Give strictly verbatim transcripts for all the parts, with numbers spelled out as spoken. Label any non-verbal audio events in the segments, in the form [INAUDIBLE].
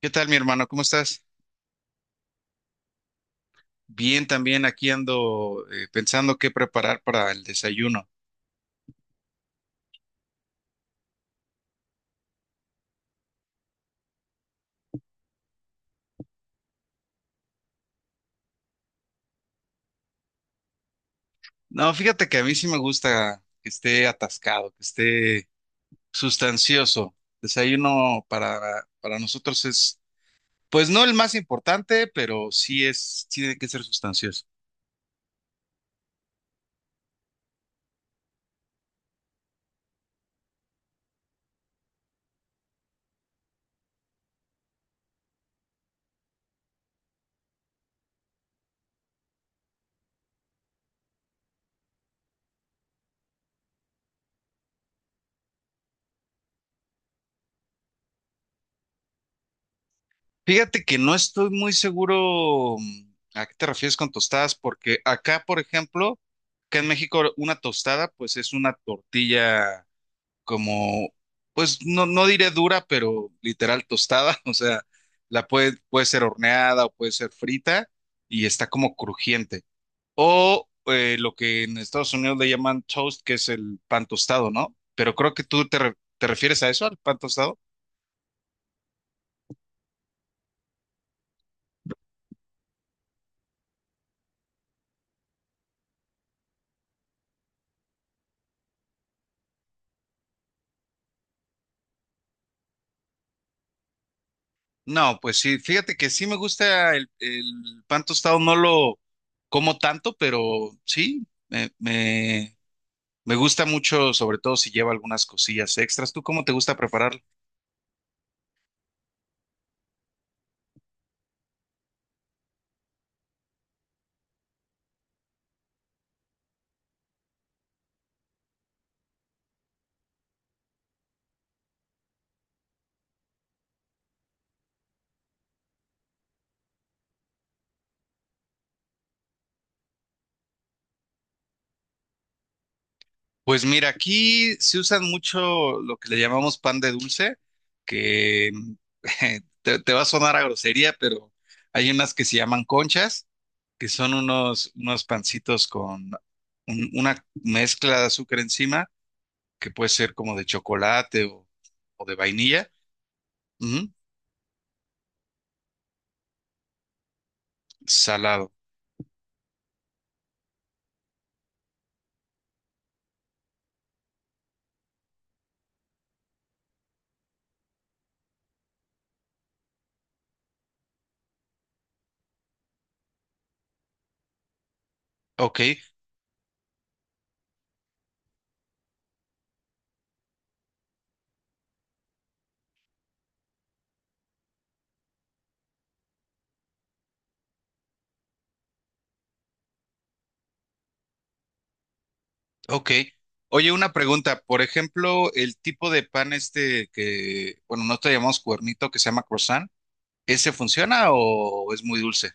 ¿Qué tal, mi hermano? ¿Cómo estás? Bien, también aquí ando, eh, pensando qué preparar para el desayuno. No, fíjate que a mí sí me gusta que esté atascado, que esté sustancioso. Desayuno para, para nosotros es, pues no el más importante, pero sí es, sí tiene que ser sustancioso. Fíjate que no estoy muy seguro, mm, a qué te refieres con tostadas, porque acá, por ejemplo, acá en México, una tostada, pues es una tortilla como, pues no, no diré dura, pero literal tostada, [LAUGHS] o sea, la puede, puede ser horneada o puede ser frita y está como crujiente. O eh, lo que en Estados Unidos le llaman toast, que es el pan tostado, ¿no? Pero creo que tú te, re- te refieres a eso, al pan tostado. No, pues sí, fíjate que sí me gusta el, el pan tostado, no lo como tanto, pero sí, me, me- me gusta mucho, sobre todo si lleva algunas cosillas extras. ¿Tú cómo te gusta prepararlo? Pues mira, aquí se usan mucho lo que le llamamos pan de dulce, que [LAUGHS] te, te va a sonar a grosería, pero hay unas que se llaman conchas, que son unos, unos pancitos con un- una mezcla de azúcar encima, que puede ser como de chocolate o, o de vainilla. Ujú, salado. Ok. Ok. Oye, una pregunta. Por ejemplo, el tipo de pan este que, bueno, no te llamamos cuernito, que se llama croissant, ¿ese funciona o es muy dulce?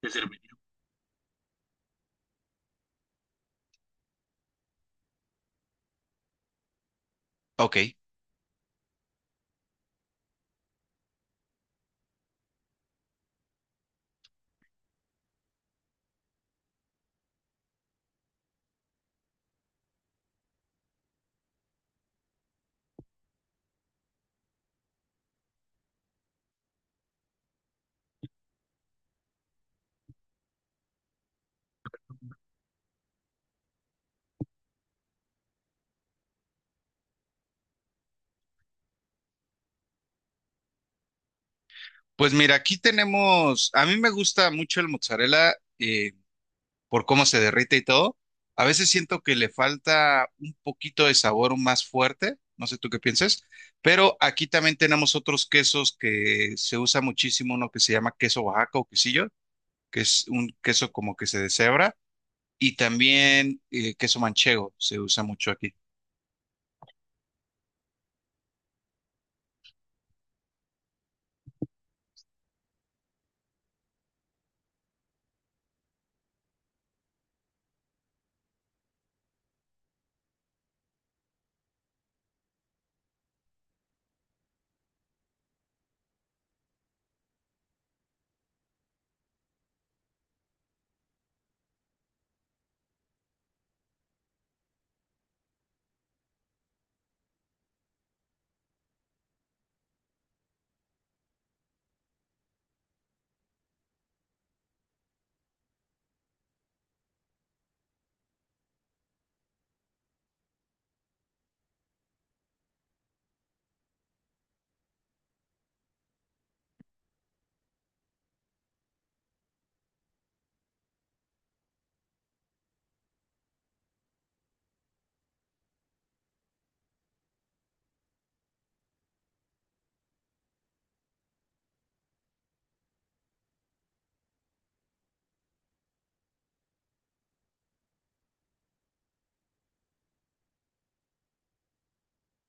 Te serviré. Ok. Pues mira, aquí tenemos, a mí me gusta mucho el mozzarella, eh, por cómo se derrite y todo. A veces siento que le falta un poquito de sabor más fuerte, no sé tú qué pienses, pero aquí también tenemos otros quesos que se usa muchísimo, uno que se llama queso Oaxaca o quesillo, que es un queso como que se deshebra y también, eh, queso manchego se usa mucho aquí.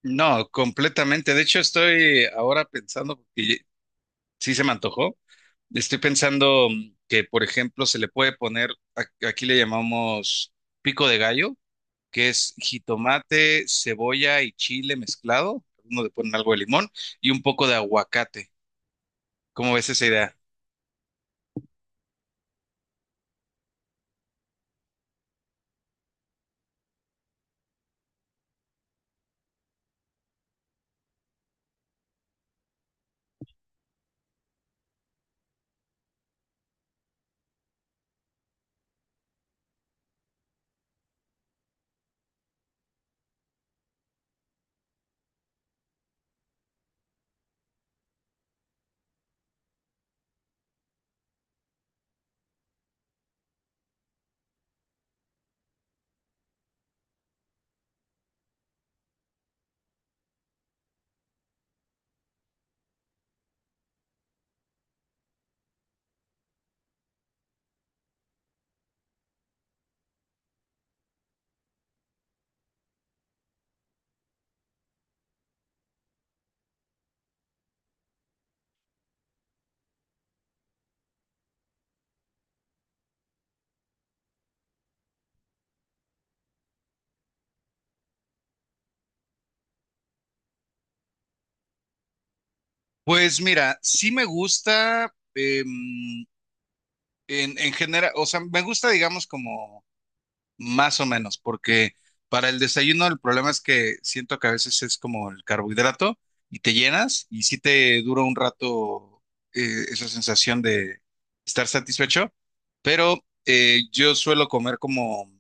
No, completamente. De hecho, estoy ahora pensando, porque ye- sí se me antojó. Estoy pensando, mm, que, por ejemplo, se le puede poner, a- aquí le llamamos pico de gallo, que es jitomate, cebolla y chile mezclado. Uno le ponen algo de limón y un poco de aguacate. ¿Cómo ves esa idea? Pues mira, sí me gusta, em, en, en general, o sea, me gusta, digamos, como más o menos, porque para el desayuno el problema es que siento que a veces es como el carbohidrato y te llenas y sí te dura un rato, eh, esa sensación de estar satisfecho, pero eh, yo suelo comer como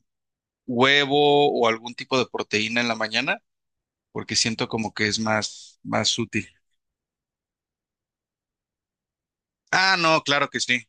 huevo o algún tipo de proteína en la mañana porque siento como que es más, más útil. Ah, no, claro que sí.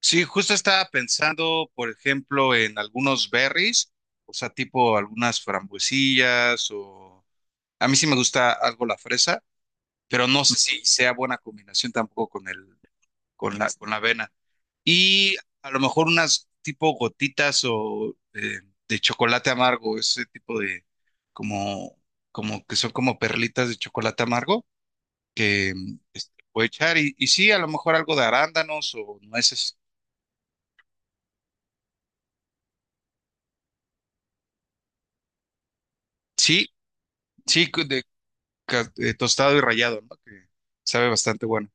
Sí, justo estaba pensando, por ejemplo, en algunos berries, o sea, tipo algunas frambuesillas o a mí sí me gusta algo la fresa, pero no sé si sea buena combinación tampoco con el, con la, con la avena. Y a lo mejor unas tipo gotitas o, eh, de chocolate amargo, ese tipo de como, como que son como perlitas de chocolate amargo que, mm, este, puedo echar. Y, y sí, a lo mejor algo de arándanos o nueces. Sí, sí, cu- de, ca- eh, tostado y rallado, ¿no? Que sabe bastante bueno.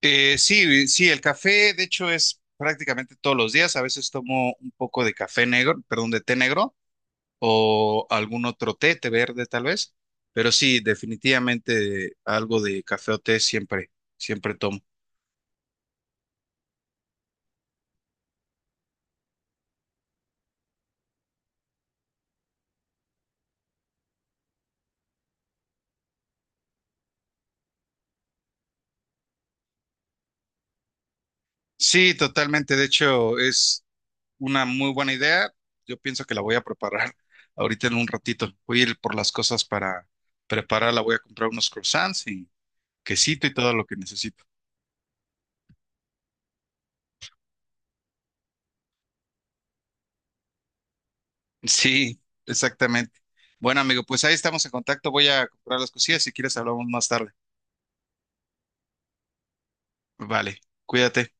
Eh, sí, sí, el café, de hecho, es prácticamente todos los días. A veces tomo un poco de café negro, perdón, de té negro o algún otro té, té verde tal vez. Pero sí, definitivamente algo de café o té siempre, siempre tomo. Sí, totalmente. De hecho, es una muy buena idea. Yo pienso que la voy a preparar [LAUGHS] ahorita en un ratito. Voy a ir por las cosas para prepararla. Voy a comprar unos croissants y quesito y todo lo que necesito. Sí, exactamente. Bueno, amigo, pues ahí estamos en contacto. Voy a comprar las cosillas. Si quieres, hablamos más tarde. Vale, cuídate.